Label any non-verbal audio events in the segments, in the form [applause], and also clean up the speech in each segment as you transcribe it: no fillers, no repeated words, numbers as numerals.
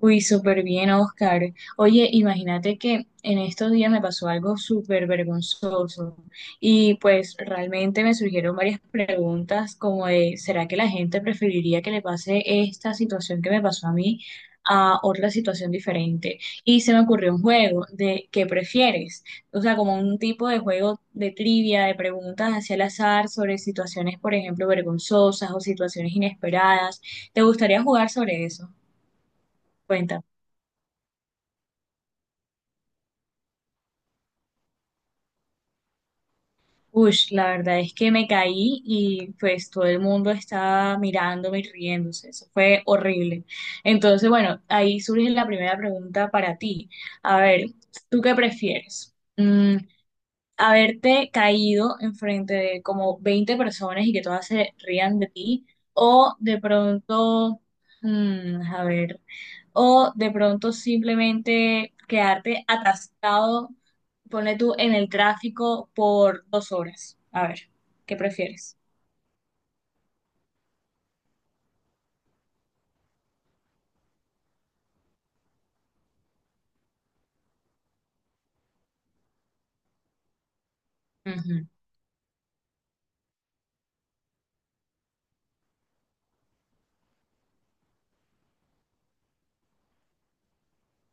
Uy, súper bien, Oscar. Oye, imagínate que en estos días me pasó algo súper vergonzoso y pues realmente me surgieron varias preguntas como de, ¿será que la gente preferiría que le pase esta situación que me pasó a mí a otra situación diferente? Y se me ocurrió un juego de ¿qué prefieres? O sea, como un tipo de juego de trivia, de preguntas hacia el azar sobre situaciones, por ejemplo, vergonzosas o situaciones inesperadas. ¿Te gustaría jugar sobre eso? Cuéntame. Ush, la verdad es que me caí y pues todo el mundo estaba mirándome y riéndose. Eso fue horrible. Entonces, bueno, ahí surge la primera pregunta para ti. A ver, ¿tú qué prefieres? Haberte caído enfrente de como 20 personas y que todas se rían de ti, o de pronto, mm, a ver, o de pronto simplemente quedarte atascado, pone tú en el tráfico por 2 horas. A ver, ¿qué prefieres?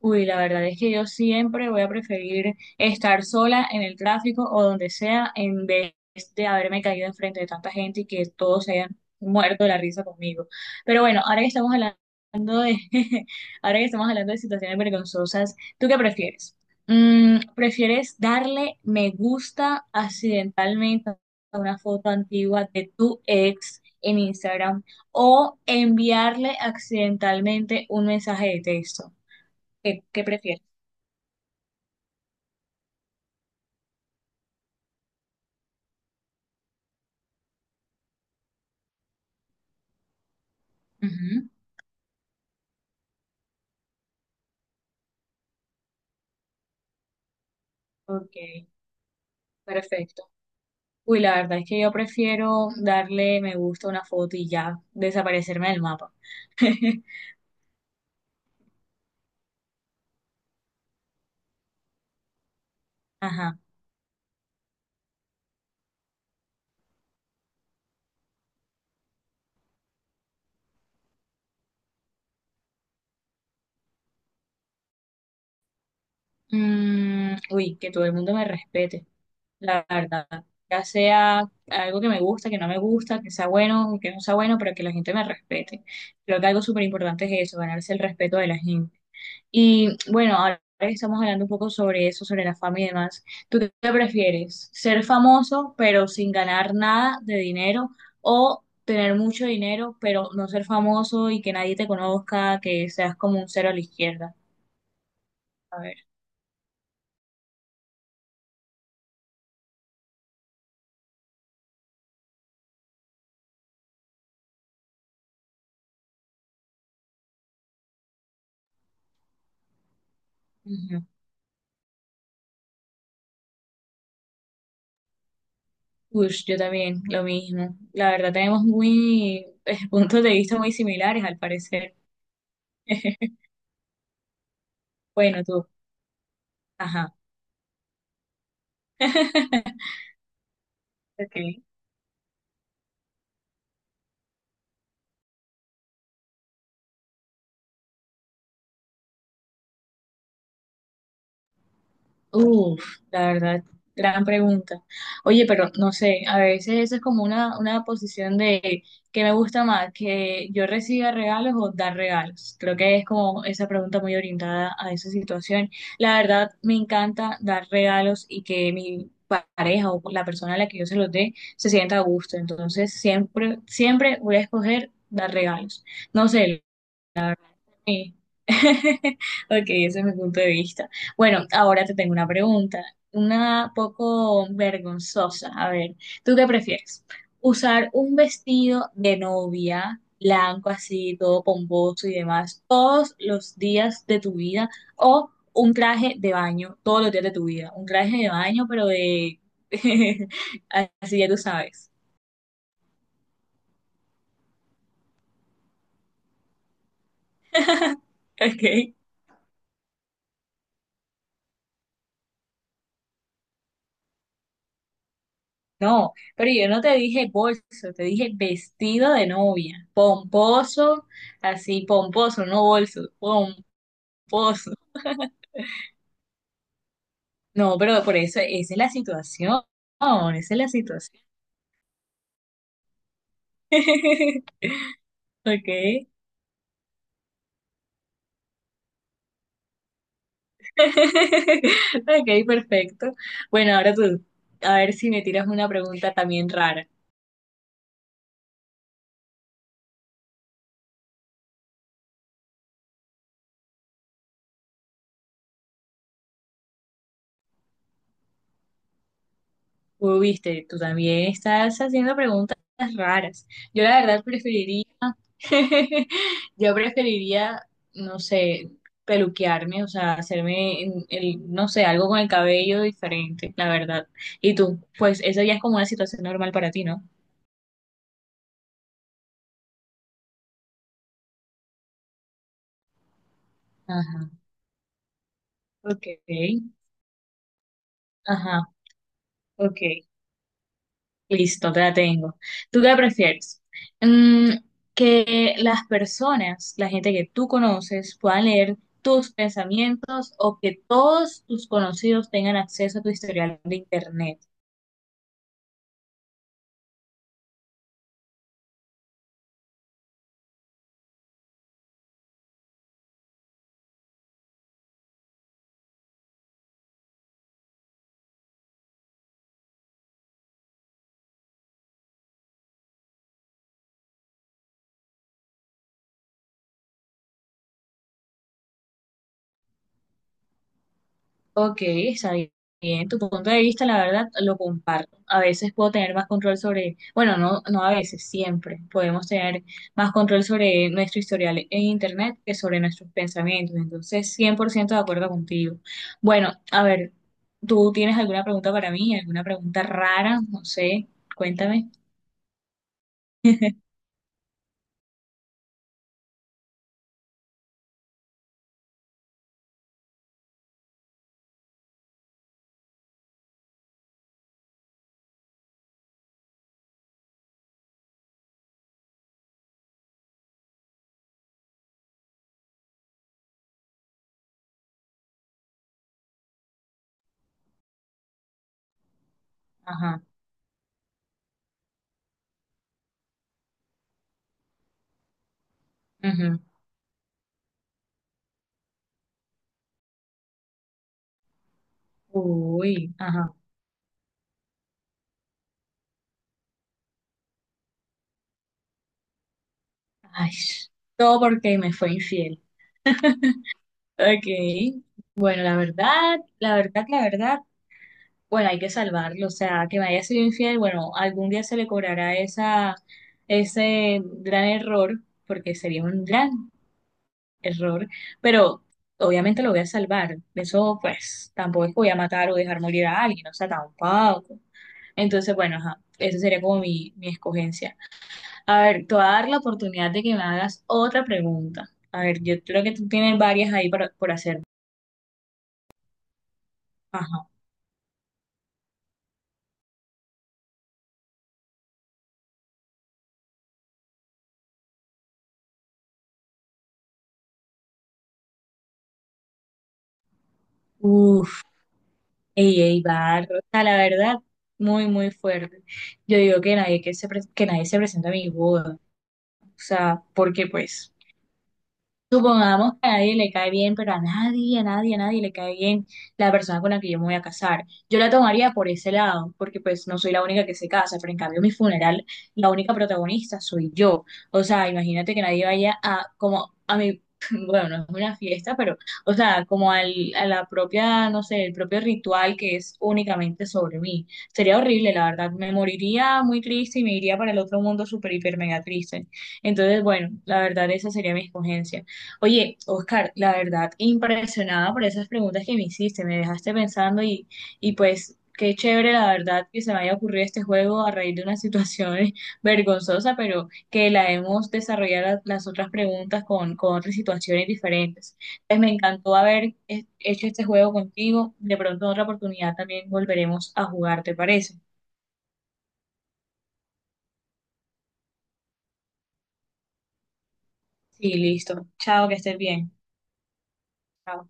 Uy, la verdad es que yo siempre voy a preferir estar sola en el tráfico o donde sea en vez de haberme caído enfrente de tanta gente y que todos se hayan muerto de la risa conmigo. Pero bueno, ahora que estamos hablando de, [laughs] ahora que estamos hablando de situaciones vergonzosas, ¿tú qué prefieres? ¿Prefieres darle me gusta accidentalmente a una foto antigua de tu ex en Instagram o enviarle accidentalmente un mensaje de texto? ¿Qué prefieres? Ujú. Ok, perfecto. Uy, la verdad es que yo prefiero darle me gusta a una foto y ya desaparecerme del mapa. [laughs] Ajá. Uy, que todo el mundo me respete, la verdad. Ya sea algo que me gusta, que no me gusta, que sea bueno, que no sea bueno, pero que la gente me respete. Creo que algo súper importante es eso, ganarse el respeto de la gente. Y bueno, ahora que estamos hablando un poco sobre eso, sobre la fama y demás. ¿Tú qué prefieres? ¿Ser famoso pero sin ganar nada de dinero o tener mucho dinero pero no ser famoso y que nadie te conozca, que seas como un cero a la izquierda? A ver. Ujú. Uy, yo también, lo mismo. La verdad, tenemos muy [laughs] puntos de vista muy similares al parecer. [laughs] Bueno, tú. Ajá. [laughs] Ok. Uf, la verdad, gran pregunta. Oye, pero no sé, a veces eso es como una posición de que me gusta más, que yo reciba regalos o dar regalos. Creo que es como esa pregunta muy orientada a esa situación. La verdad, me encanta dar regalos y que mi pareja o la persona a la que yo se los dé se sienta a gusto. Entonces, siempre, siempre voy a escoger dar regalos. No sé. Sí. [laughs] Ok, ese es mi punto de vista. Bueno, ahora te tengo una pregunta, una poco vergonzosa. A ver, ¿tú qué prefieres? ¿Usar un vestido de novia, blanco así, todo pomposo y demás, todos los días de tu vida? ¿O un traje de baño, todos los días de tu vida? Un traje de baño, pero de... [laughs] así ya tú sabes. Ok. No, pero yo no te dije bolso, te dije vestido de novia, pomposo, así pomposo, no bolso, pomposo. No, pero por eso, esa es la situación, esa es la situación. [laughs] Ok, [laughs] ok, perfecto. Bueno, ahora tú, a ver si me tiras una pregunta también rara. Uy, viste, tú también estás haciendo preguntas raras. Yo la verdad preferiría, [laughs] yo preferiría, no sé, peluquearme, o sea, hacerme, el, no sé, algo con el cabello diferente, la verdad. Y tú, pues eso ya es como una situación normal para ti, ¿no? Ajá, ok, ajá, ok. Listo, te la tengo. ¿Tú qué prefieres? Mm, que las personas, la gente que tú conoces, puedan leer tus pensamientos o que todos tus conocidos tengan acceso a tu historial de internet. Ok, está bien. Tu punto de vista, la verdad, lo comparto. A veces puedo tener más control sobre, bueno, no, no a veces, siempre podemos tener más control sobre nuestro historial en Internet que sobre nuestros pensamientos. Entonces, 100% de acuerdo contigo. Bueno, a ver, ¿tú tienes alguna pregunta para mí? ¿Alguna pregunta rara? No sé, cuéntame. Ajá. Ujú. Uy, ajá. Ay, todo porque me fue infiel. Ok. Bueno, la verdad, la verdad, la verdad, bueno, hay que salvarlo, o sea, que me haya sido infiel, bueno, algún día se le cobrará esa, ese gran error, porque sería un gran error, pero obviamente lo voy a salvar. Eso, pues, tampoco es que voy a matar o dejar morir a alguien, o sea, tampoco. Entonces, bueno, ajá, esa sería como mi escogencia. A ver, te voy a dar la oportunidad de que me hagas otra pregunta. A ver, yo creo que tú tienes varias ahí para, por hacer. Ajá. Uf. Ey, ey, barro, o sea, la verdad, muy, muy fuerte. Yo digo que nadie que nadie se presente a mi boda, o sea, porque pues, supongamos que a nadie le cae bien, pero a nadie, a nadie, a nadie le cae bien la persona con la que yo me voy a casar. Yo la tomaría por ese lado, porque pues no soy la única que se casa, pero en cambio en mi funeral, la única protagonista soy yo. O sea, imagínate que nadie vaya a, como, a mi, [laughs] bueno, no es una fiesta, pero, o sea, como al, a la propia, no sé, el propio ritual que es únicamente sobre mí. Sería horrible, la verdad. Me moriría muy triste y me iría para el otro mundo súper, hiper, mega triste. Entonces, bueno, la verdad, esa sería mi escogencia. Oye, Oscar, la verdad, impresionada por esas preguntas que me hiciste, me dejaste pensando y pues qué chévere la verdad que se me haya ocurrido este juego a raíz de una situación [laughs] vergonzosa, pero que la hemos desarrollado las otras preguntas con otras situaciones diferentes. Entonces me encantó haber hecho este juego contigo, de pronto en otra oportunidad también volveremos a jugar, ¿te parece? Sí, listo. Chao, que estés bien. Chao.